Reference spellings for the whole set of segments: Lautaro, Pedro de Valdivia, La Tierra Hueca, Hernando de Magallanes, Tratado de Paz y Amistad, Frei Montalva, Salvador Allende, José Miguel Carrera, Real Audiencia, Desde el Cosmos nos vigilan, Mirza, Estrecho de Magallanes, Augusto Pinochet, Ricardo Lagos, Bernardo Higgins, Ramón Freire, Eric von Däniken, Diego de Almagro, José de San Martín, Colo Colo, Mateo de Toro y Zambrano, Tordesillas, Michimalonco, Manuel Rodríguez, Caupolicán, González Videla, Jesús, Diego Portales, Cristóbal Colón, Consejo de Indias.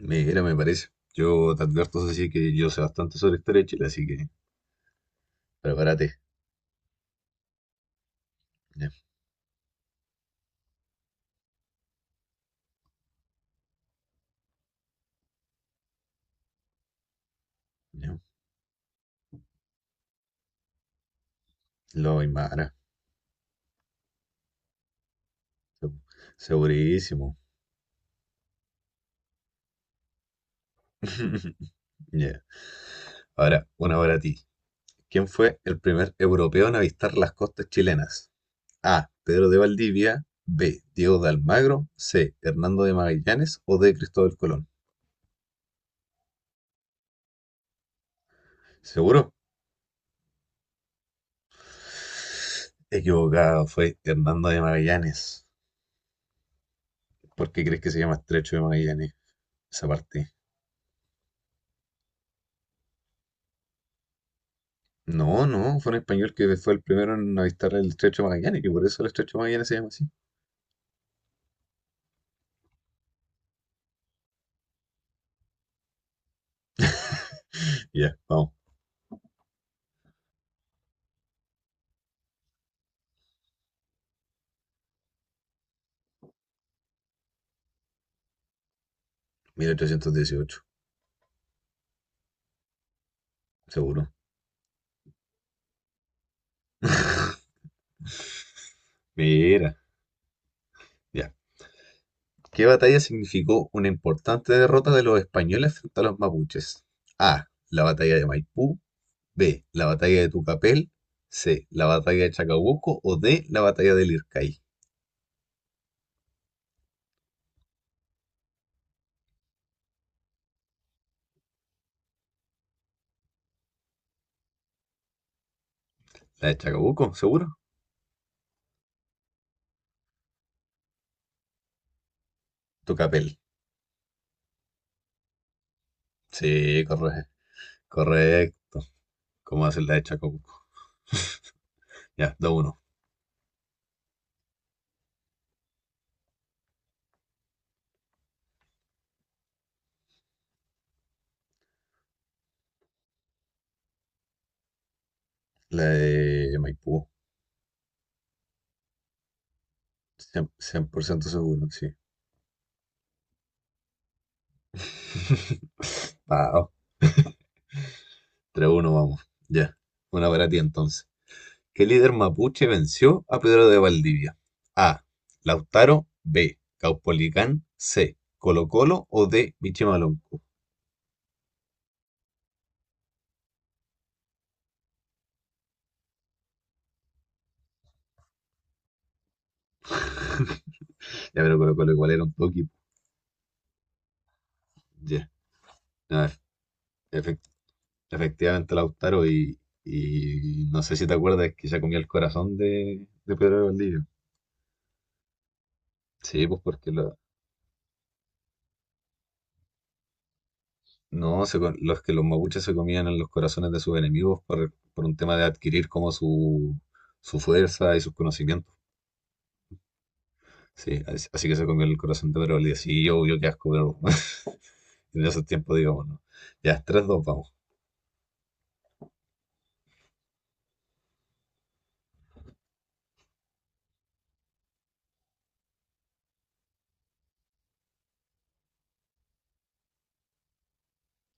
Mira, me parece. Yo te advierto, así que yo sé bastante sobre historia de Chile, así que prepárate. Ya, ya. Lo Aymara. seg- Segurísimo. Ya. Ahora, una para ti. ¿Quién fue el primer europeo en avistar las costas chilenas? A. Pedro de Valdivia. B. Diego de Almagro. C. Hernando de Magallanes. O D. Cristóbal Colón. ¿Seguro? Equivocado, fue Hernando de Magallanes. ¿Por qué crees que se llama Estrecho de Magallanes? Esa parte. No, no, fue un español que fue el primero en avistar el Estrecho de Magallanes, que por eso el Estrecho de Magallanes se llama así. Ya, vamos, 1818, seguro. Mira, ya. ¿Qué batalla significó una importante derrota de los españoles frente a los mapuches? A. La batalla de Maipú. B. La batalla de Tucapel. C. La batalla de Chacabuco. O D. La batalla del Lircay. La de Chacabuco, seguro. Tucapel. Sí, correcto. Correcto. ¿Cómo hacer la de Chacabuco? Ya, 2 uno. La de Maipú. Cien, 100% seguro, sí. Wow, 3 uno vamos. Ya. Una para ti entonces. ¿Qué líder mapuche venció a Pedro de Valdivia? A. Lautaro. B. Caupolicán. C. Colo Colo o D. Michimalonco. Ya, pero Colo Colo igual era un toque. Ya. A ver, efect- efectivamente Lautaro y no sé si te acuerdas que ya comió el corazón de Pedro de Valdivia. Sí, pues no, los que los mapuches se comían en los corazones de sus enemigos por un tema de adquirir como su fuerza y sus conocimientos. Sí, así que se comió el corazón de Pedro Valdivia. Sí, yo qué asco, pero en esos tiempos, digamos, ¿no? Ya, 3-2 vamos.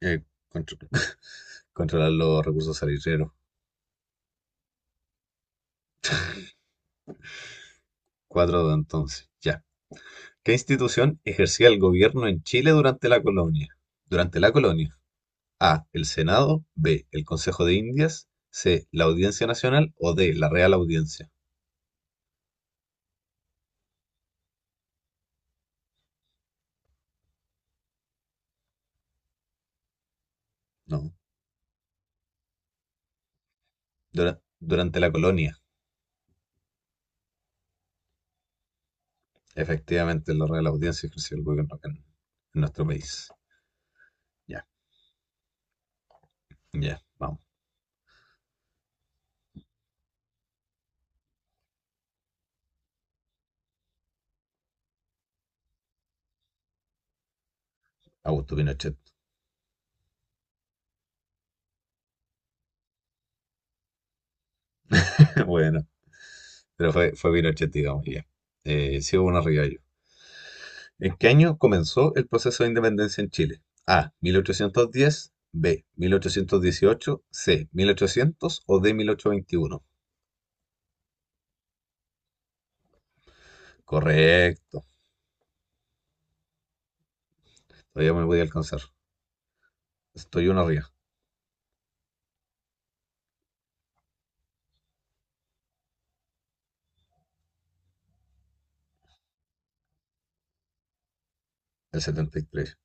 Eh, contro- controlar los recursos salitreros 4-2 entonces, ya. ¿Qué institución ejercía el gobierno en Chile durante la colonia? Durante la colonia. A. El Senado. B. El Consejo de Indias. C. La Audiencia Nacional. O D. La Real Audiencia. No, durante la colonia, efectivamente, la Real Audiencia ejerció el gobierno acá en nuestro país. Ya, ya, vamos. Augusto Pinochet. Bueno, pero fue Pinochet, digamos, ya. Sí hubo unos rivallos. ¿En qué año comenzó el proceso de independencia en Chile? A. 1810, B. 1818, C. 1800 o D. 1821. Correcto. Todavía me voy a alcanzar. Estoy uno arriba, el 73.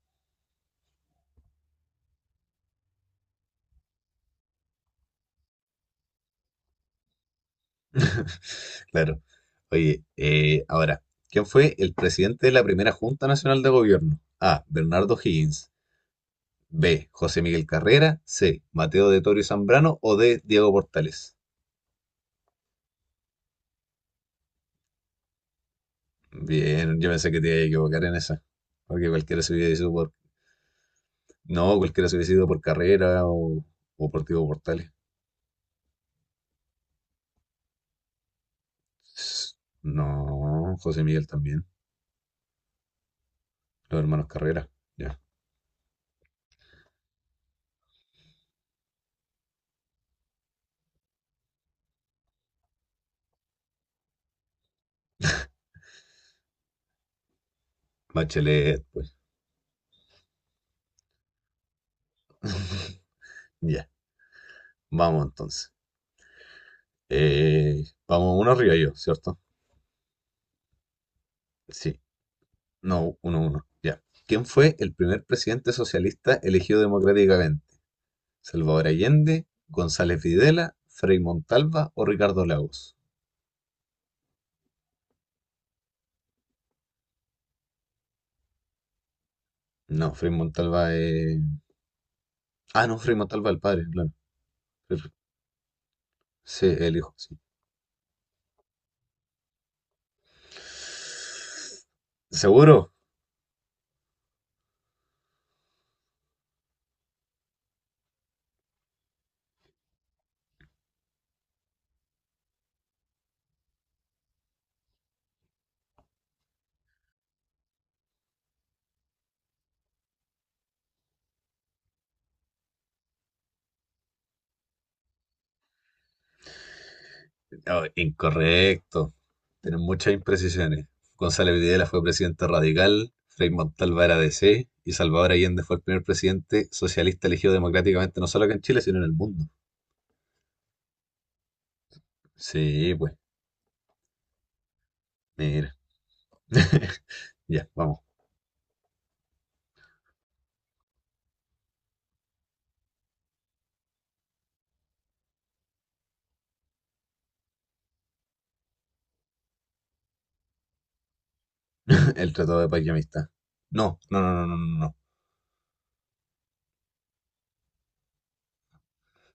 Claro. Oye, ahora, ¿quién fue el presidente de la primera Junta Nacional de Gobierno? A. Bernardo Higgins. B. José Miguel Carrera. C. Mateo de Toro y Zambrano. O D. Diego Portales. Bien, yo pensé que te iba a equivocar en esa. Porque cualquiera se hubiese ido por... No, cualquiera se hubiese ido por Carrera o por Diego Portales. No, José Miguel también. Los hermanos Carrera. Ya. Bachelet, pues. Ya. Vamos entonces. Vamos uno arriba yo, ¿cierto? Sí. No, 1-1, ya. ¿Quién fue el primer presidente socialista elegido democráticamente? ¿Salvador Allende, González Videla, Frei Montalva o Ricardo Lagos? No, Frei Montalva es... Ah, no, Frei Montalva el padre, claro. Pero- Sí, el hijo, sí. ¿Seguro? No, incorrecto. Tienen muchas imprecisiones. González Videla fue presidente radical, Frei Montalva era DC y Salvador Allende fue el primer presidente socialista elegido democráticamente no solo acá en Chile, sino en el mundo. Sí, pues, mira. Ya, vamos. El Tratado de Paz y Amistad. No, no, no, no, no, no. No.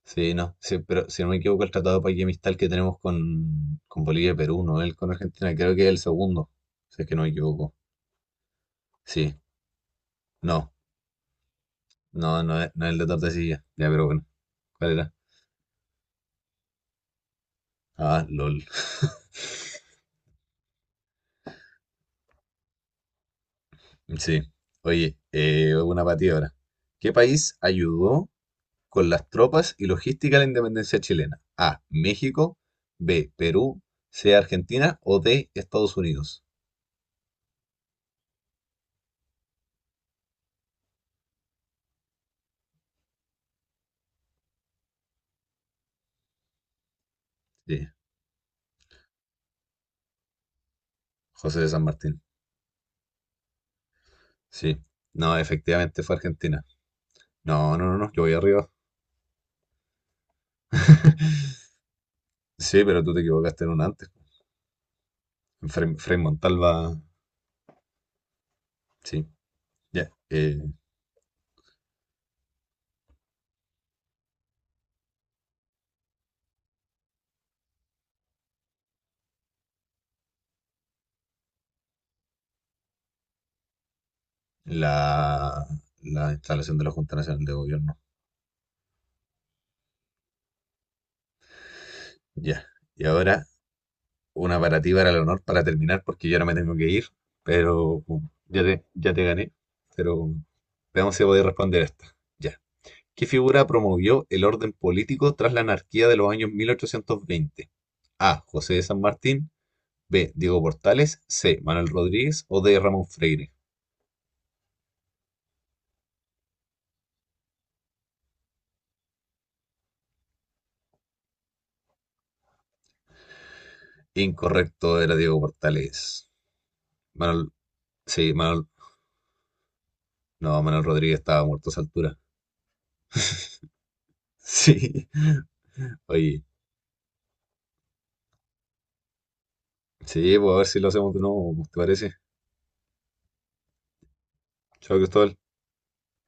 Sí, no. Sí, pero si no me equivoco, el Tratado de Paz y Amistad el que tenemos con Bolivia y Perú, no el con Argentina, creo que es el segundo. Si es que no me equivoco. Sí, no, no, no es el de Tordesillas. Ya, pero bueno. ¿Cuál era? Ah, LOL. Sí. Oye, una para ti ahora. ¿Qué país ayudó con las tropas y logística de la independencia chilena: A. México. B. Perú. C. Argentina. O D. Estados Unidos. Sí, José de San Martín. Sí. No, efectivamente fue Argentina. No, no, no, no, yo voy arriba. Sí, pero tú te equivocaste en una antes. En Frei Montalva. Sí, ya. La, la instalación de la Junta Nacional de Gobierno. Ya. Y ahora una para ti, para el honor, para terminar, porque yo ahora me tengo que ir, pero ya te gané. Pero veamos si podéis responder esta. Ya. ¿Qué figura promovió el orden político tras la anarquía de los años 1820? A. José de San Martín. B. Diego Portales. C. Manuel Rodríguez. O D. Ramón Freire. Incorrecto, era Diego Portales. Manuel, sí, Manuel, no, Manuel Rodríguez estaba muerto a esa altura. Sí, oye, sí, pues a ver si lo hacemos de nuevo, ¿te parece? Chao, Cristóbal.